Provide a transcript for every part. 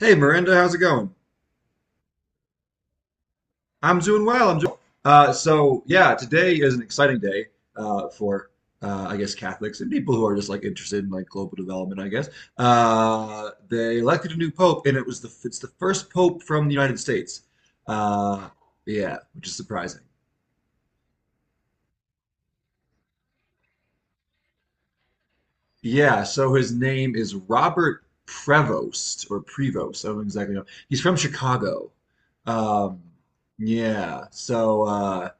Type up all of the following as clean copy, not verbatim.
Hey, Miranda, how's it going? I'm doing well. I'm doing well. So yeah. Today is an exciting day for I guess Catholics and people who are just like interested in like global development. I guess they elected a new pope, and it was the first pope from the United States. Uh, yeah, which is surprising. Yeah, so his name is Robert Prevost or Prevost. I don't exactly know. He's from Chicago. Um, yeah, so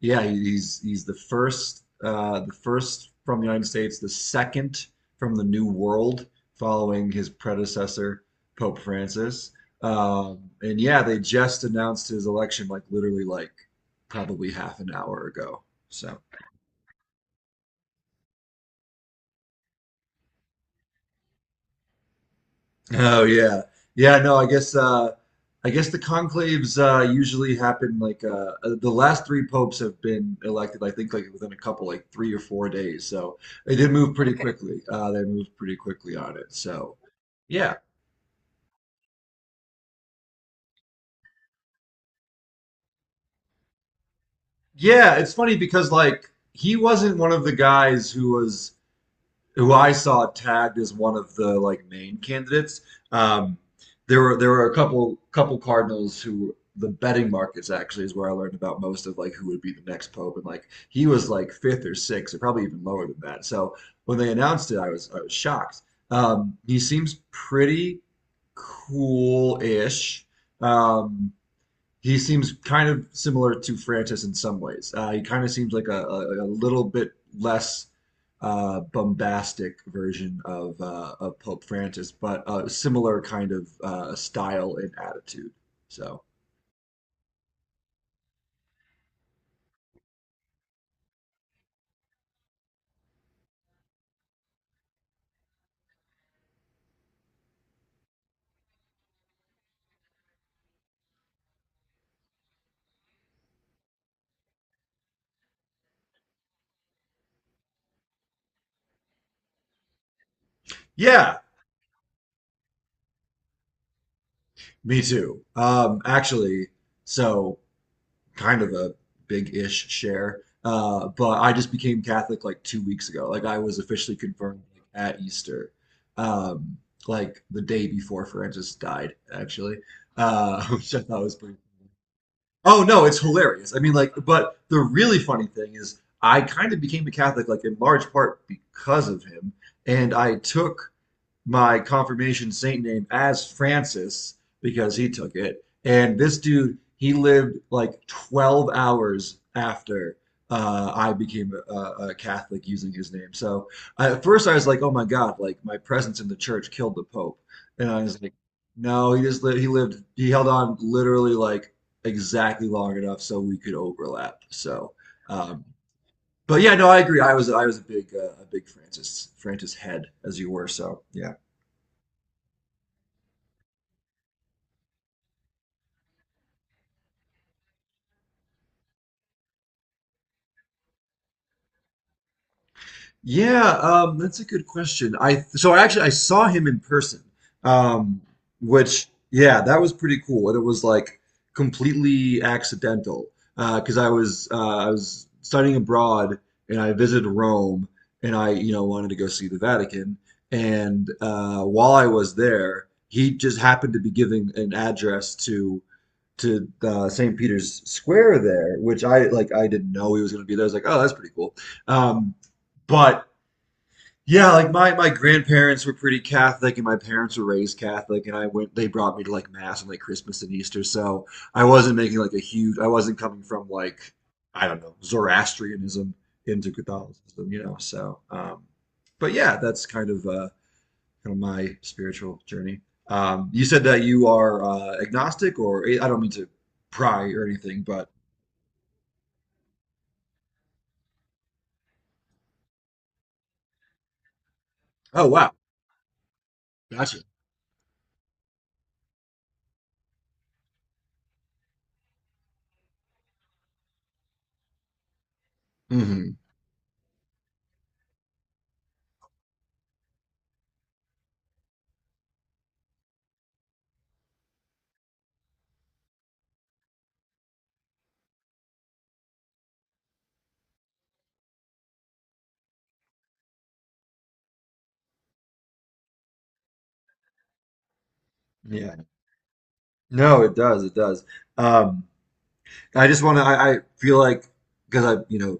yeah, he's the first from the United States, the second from the New World, following his predecessor Pope Francis. And yeah, they just announced his election like literally like probably half an hour ago. So. Oh yeah, yeah. No, I guess the conclaves usually happen like the last three popes have been elected. I think like within a couple, like 3 or 4 days. So they did move pretty. Okay. Quickly. They moved pretty quickly on it. So yeah, yeah. It's funny because like he wasn't one of the guys who was, who I saw tagged as one of the like main candidates. Um, there were a couple Cardinals who the betting markets actually is where I learned about most of like who would be the next pope, and like he was like fifth or sixth, or probably even lower than that. So when they announced it, I was shocked. He seems pretty cool-ish. Um, he seems kind of similar to Francis in some ways. He kind of seems like a little bit less bombastic version of Pope Francis, but a similar kind of style and attitude. So, yeah, me too. Actually, so kind of a big-ish share. But I just became Catholic like 2 weeks ago. Like I was officially confirmed like, at Easter, um, like the day before Francis died, actually, which I thought was pretty funny. Oh no, it's hilarious. I mean, like, but the really funny thing is, I kind of became a Catholic like in large part because of him, and I took my confirmation saint name as Francis because he took it. And this dude, he lived like 12 hours after I became a Catholic using his name. So I, at first I was like, oh my God, like my presence in the church killed the Pope. And I was like, no, he just lived, he held on literally like exactly long enough so we could overlap. So, um, but yeah, no, I agree. I was a big Francis head as you were. So yeah. Yeah, that's a good question. I so I actually I saw him in person, um, which yeah, that was pretty cool, and it was like completely accidental. Because I was studying abroad and I visited Rome and I you know wanted to go see the Vatican and while I was there, he just happened to be giving an address to St. Peter's Square there, which I like I didn't know he was going to be there. I was like, oh, that's pretty cool. Um, but yeah, like my grandparents were pretty Catholic, and my parents were raised Catholic, and I went. They brought me to like mass and like Christmas and Easter, so I wasn't making like a huge. I wasn't coming from like I don't know Zoroastrianism into Catholicism, you know. So, but yeah, that's kind of my spiritual journey. You said that you are agnostic, or I don't mean to pry or anything, but oh wow, gotcha. Hmm. Yeah, no, it does, it does. Um, I just want to. I feel like because I've you know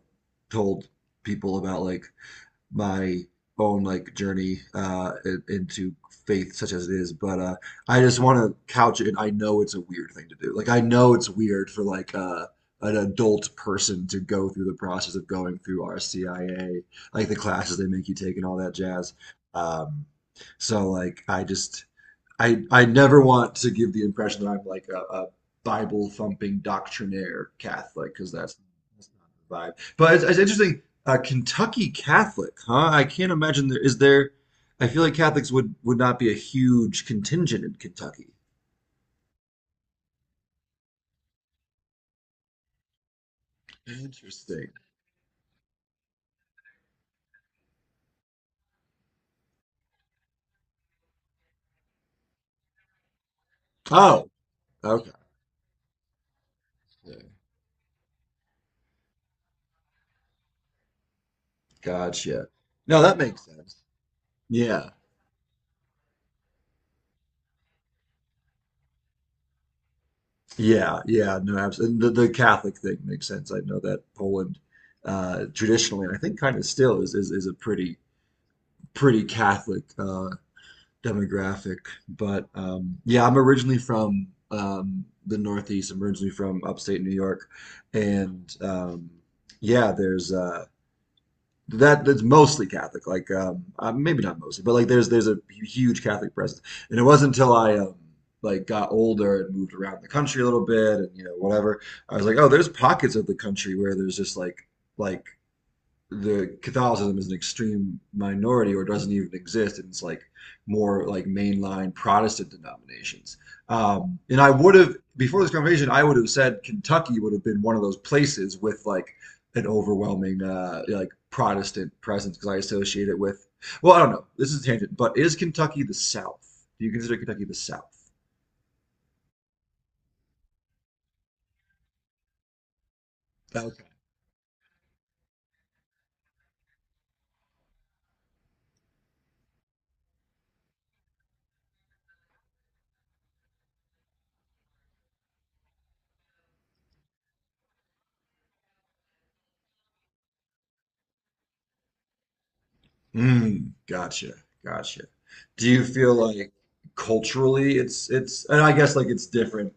told people about like my own like journey into faith such as it is, but I just want to couch it in, I know it's a weird thing to do. Like I know it's weird for like an adult person to go through the process of going through RCIA, like the classes they make you take and all that jazz. Um, so like I just. I never want to give the impression that I'm like a Bible thumping doctrinaire Catholic because that's not the vibe. But it's interesting. A Kentucky Catholic, huh? I can't imagine there is there. I feel like Catholics would not be a huge contingent in Kentucky. Interesting. Oh, okay. Gotcha. No, that makes sense. Yeah. Yeah. Yeah. No, absolutely. The Catholic thing makes sense. I know that Poland, traditionally, and I think kind of still is, is a pretty pretty Catholic demographic. But yeah, I'm originally from the Northeast. I'm originally from upstate New York, and yeah, there's that's mostly Catholic. Like maybe not mostly, but like there's a huge Catholic presence. And it wasn't until I like got older and moved around the country a little bit, and you know whatever, I was like, oh, there's pockets of the country where there's just like the Catholicism is an extreme minority or doesn't even exist, and it's like more like mainline Protestant denominations. And I would have before this conversation, I would have said Kentucky would have been one of those places with like an overwhelming like Protestant presence because I associate it with. Well, I don't know. This is a tangent, but is Kentucky the South? Do you consider Kentucky the South? That was. Mm, gotcha, gotcha. Do you feel like culturally it's and I guess like it's different.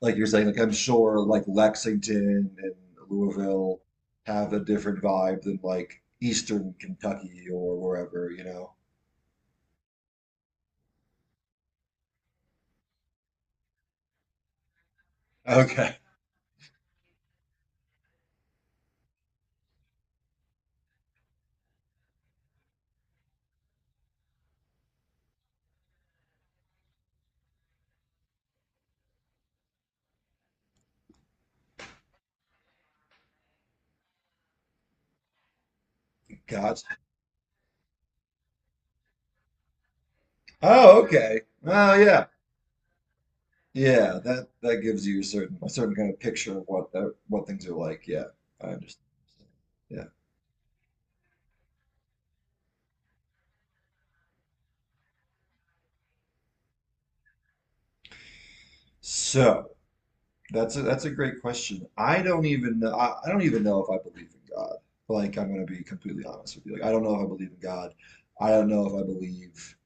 Like you're saying, like I'm sure like Lexington and Louisville have a different vibe than like Eastern Kentucky or wherever, you know. Okay, gotcha. Oh, okay. Oh, yeah. Yeah, that that gives you a certain kind of picture of what that what things are like. Yeah, I understand. Yeah. So that's a that's a great question. I don't even know. I don't even know if I believe in God. Like I'm gonna be completely honest with you. Like I don't know if I believe in God. I don't know if I believe.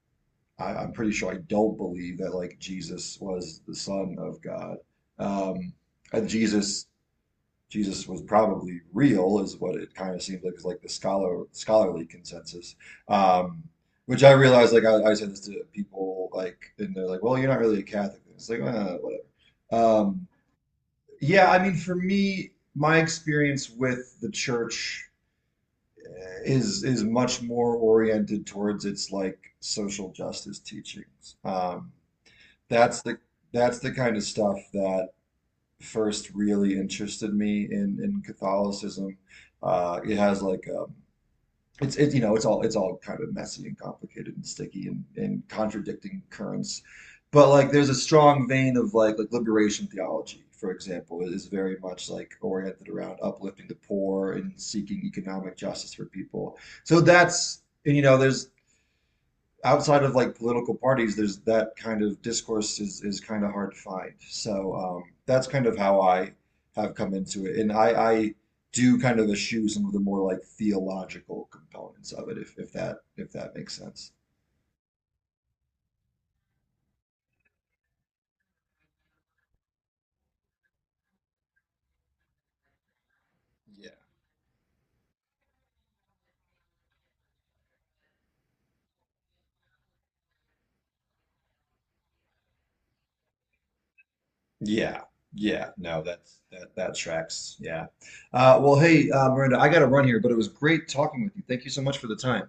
I'm pretty sure I don't believe that like Jesus was the Son of God. Um and Jesus was probably real is what it kind of seems like is like the scholarly consensus. Um which I realize like I say this to people like and they're like, well you're not really a Catholic. It's like whatever. Um yeah, I mean, for me, my experience with the church is much more oriented towards its like social justice teachings. That's the that's the kind of stuff that first really interested me in Catholicism. It has like it's it you know it's all kind of messy and complicated and sticky, and contradicting currents but like there's a strong vein of like liberation theology for example is very much like oriented around uplifting the poor and seeking economic justice for people so that's and you know there's outside of like political parties, there's that kind of discourse is kind of hard to find. So that's kind of how I have come into it, and I do kind of eschew some of the more like theological components of it, if if that makes sense. Yeah. Yeah, yeah, no, that's that tracks. Yeah. Well, hey, Miranda, I got to run here, but it was great talking with you. Thank you so much for the time.